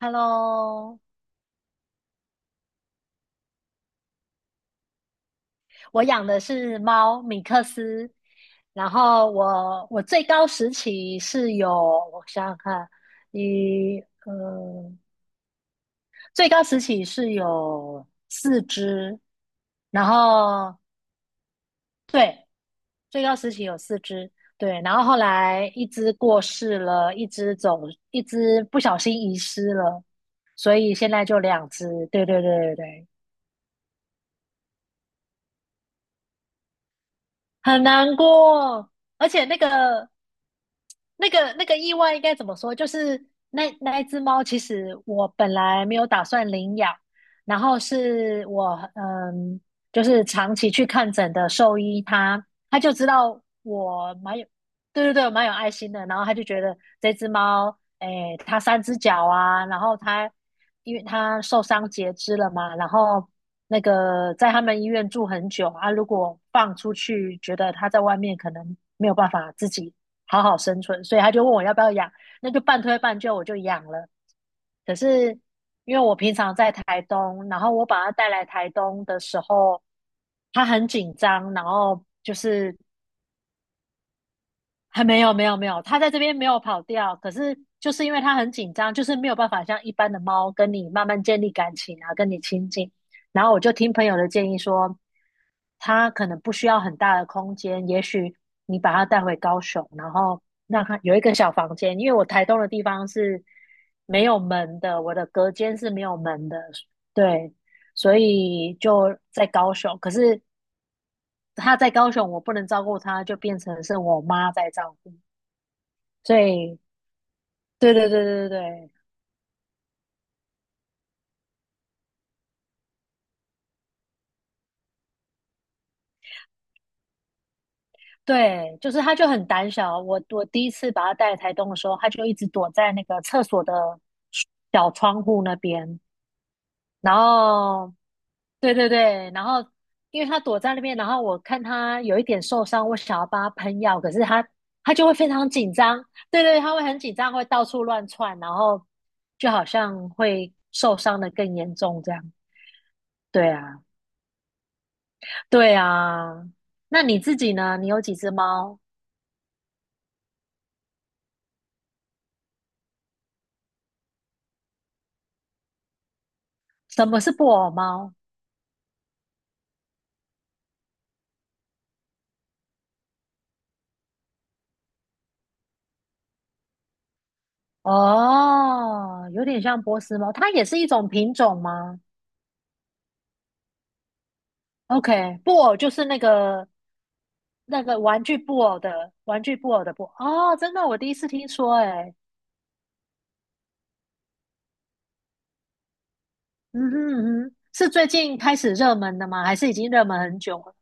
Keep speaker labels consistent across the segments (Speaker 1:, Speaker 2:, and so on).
Speaker 1: Hello，我养的是猫米克斯，然后我最高时期是有，我想想看，一呃，最高时期是有四只，然后对，最高时期有四只，对，然后后来一只过世了，一只走，一只不小心遗失了，所以现在就两只，对对对对对。很难过，而且那个意外应该怎么说？就是那一只猫，其实我本来没有打算领养，然后是我就是长期去看诊的兽医他，他就知道我蛮有对对对，我蛮有爱心的。然后他就觉得这只猫，诶，它三只脚啊，然后因为它受伤截肢了嘛，然后那个在他们医院住很久啊，如果放出去，觉得它在外面可能没有办法自己好好生存，所以他就问我要不要养，那就半推半就我就养了。可是因为我平常在台东，然后我把它带来台东的时候，它很紧张，然后就是还没有没有没有，它在这边没有跑掉，可是就是因为它很紧张，就是没有办法像一般的猫跟你慢慢建立感情啊，跟你亲近。然后我就听朋友的建议说，它可能不需要很大的空间，也许你把它带回高雄，然后让它有一个小房间，因为我台东的地方是没有门的，我的隔间是没有门的，对，所以就在高雄。可是他在高雄，我不能照顾他，就变成是我妈在照顾。所以，对对对对对对对，就是他就很胆小。我第一次把他带来台东的时候，他就一直躲在那个厕所的小窗户那边。然后，对对对，然后因为他躲在那边，然后我看他有一点受伤，我想要帮他喷药，可是他就会非常紧张。对对，他会很紧张，会到处乱窜，然后就好像会受伤的更严重这样。对啊，对啊。那你自己呢？你有几只猫？什么是布偶猫？哦，有点像波斯猫，它也是一种品种吗？OK，布偶就是那个玩具布偶的布偶哦，真的，我第一次听说、欸，哎，嗯哼嗯哼，是最近开始热门的吗？还是已经热门很久了？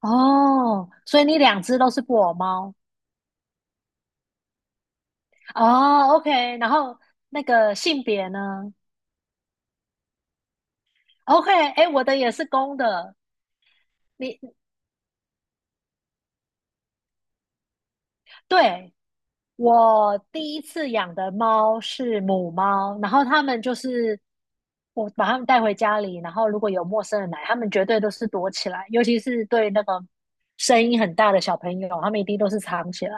Speaker 1: 哦，所以你两只都是布偶猫哦，OK，然后那个性别呢？OK，哎，我的也是公的，你对，我第一次养的猫是母猫，然后它们就是我把它们带回家里，然后如果有陌生人来，它们绝对都是躲起来，尤其是对那个声音很大的小朋友，它们一定都是藏起来。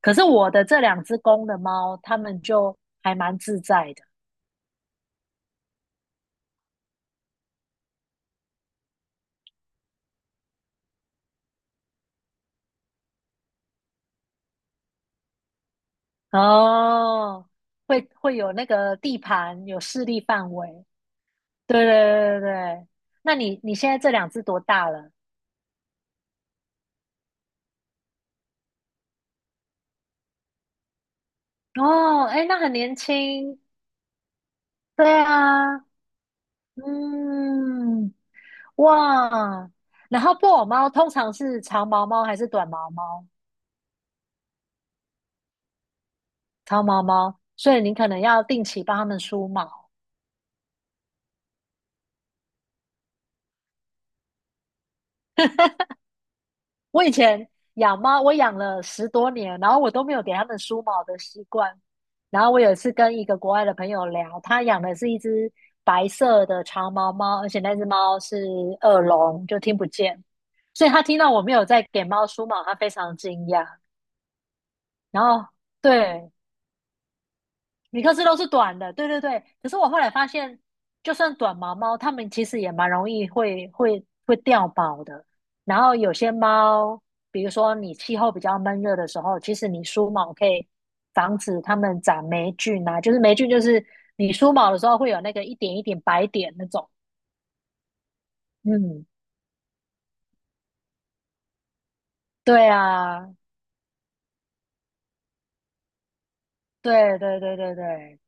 Speaker 1: 可是我的这两只公的猫，它们就还蛮自在的哦，会有那个地盘，有势力范围。对对对对对，那你现在这两只多大了？哦，哎，那很年轻。对啊，嗯，哇，然后布偶猫通常是长毛猫还是短毛猫？长毛猫，所以你可能要定期帮它们梳毛。我以前养猫，我养了10多年，然后我都没有给它们梳毛的习惯。然后我有一次跟一个国外的朋友聊，他养的是一只白色的长毛猫，而且那只猫是耳聋，就听不见，所以他听到我没有在给猫梳毛，他非常惊讶。然后对，米克斯都是短的，对对对。可是我后来发现，就算短毛猫，它们其实也蛮容易会掉毛的。然后有些猫，比如说你气候比较闷热的时候，其实你梳毛可以防止它们长霉菌啊，就是霉菌就是你梳毛的时候会有那个一点一点白点那种。嗯，对啊，对对对对对，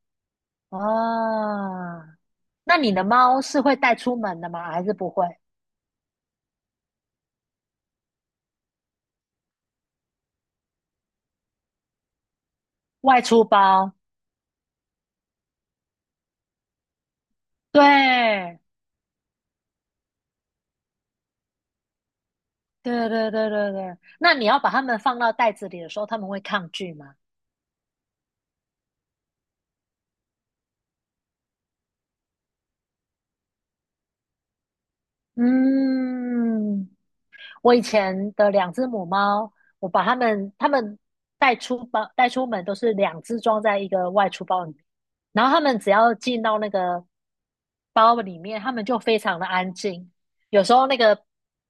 Speaker 1: 啊，那你的猫是会带出门的吗？还是不会？外出包？对，对对对对对，那你要把它们放到袋子里的时候，它们会抗拒吗？嗯，我以前的两只母猫，我把它们带出门都是两只装在一个外出包里面，然后它们只要进到那个包里面，他们就非常的安静。有时候那个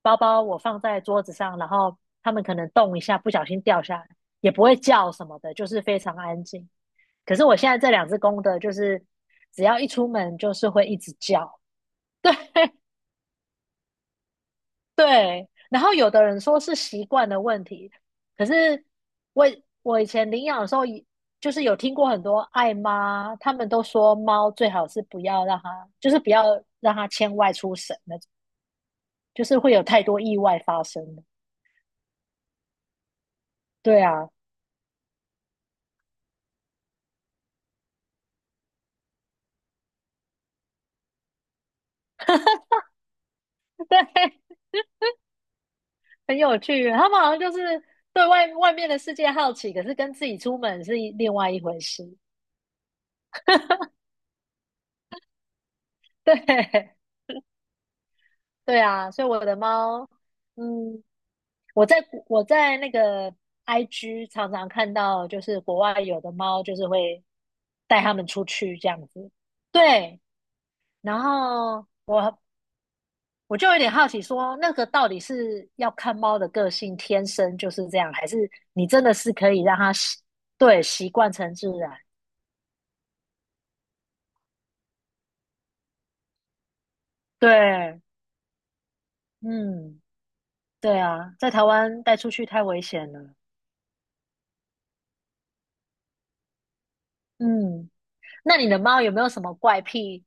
Speaker 1: 包包我放在桌子上，然后他们可能动一下，不小心掉下来，也不会叫什么的，就是非常安静。可是我现在这两只公的，就是只要一出门就是会一直叫，对。然后有的人说是习惯的问题，可是我我以前领养的时候，就是有听过很多爱妈，他们都说猫最好是不要让它，就是不要让它牵外出省那就是会有太多意外发生了。对啊，对，很有趣。他们好像就是对外面的世界好奇，可是跟自己出门是另外一回事。对，对啊，所以我的猫，嗯，我在我在那个 IG 常常看到，就是国外有的猫就是会带它们出去这样子。对，然后我就有点好奇说那个到底是要看猫的个性天生就是这样，还是你真的是可以让它，对，习惯成自然？对，嗯，对啊，在台湾带出去太危险了。嗯，那你的猫有没有什么怪癖？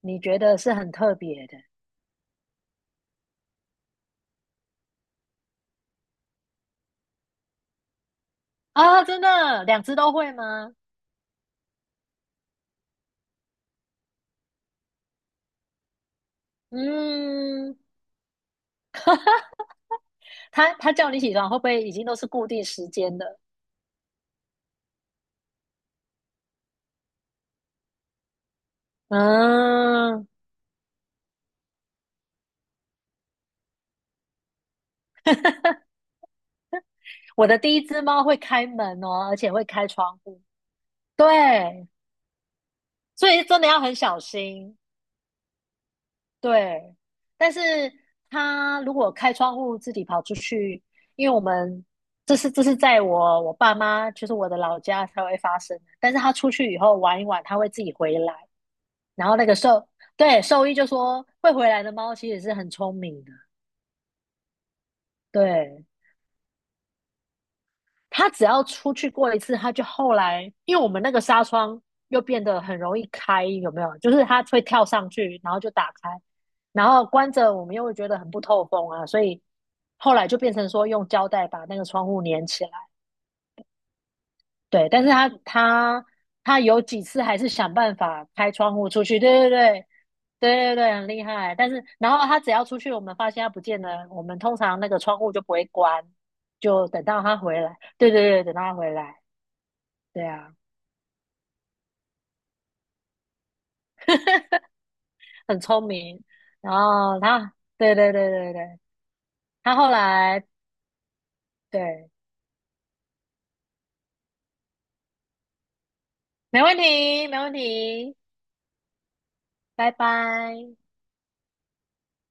Speaker 1: 你觉得是很特别的啊？真的，两只都会吗？嗯，它叫你起床，会不会已经都是固定时间的？嗯，我的第一只猫会开门哦，而且会开窗户。对，所以真的要很小心。对，但是他如果开窗户自己跑出去，因为我们这是在我爸妈就是我的老家才会发生的。但是他出去以后玩一玩，他会自己回来。然后那个，对，兽医就说会回来的猫其实是很聪明的。对，他只要出去过一次，他就后来，因为我们那个纱窗又变得很容易开，有没有？就是他会跳上去，然后就打开，然后关着，我们又会觉得很不透风啊，所以后来就变成说用胶带把那个窗户粘起来。对，但是他有几次还是想办法开窗户出去，对对对。对对对，很厉害。但是，然后他只要出去，我们发现他不见了，我们通常那个窗户就不会关，就等到他回来。对对对，等到他回来。对啊，很聪明。然后他，对对对对对，他后来，对，没问题，没问题，拜拜。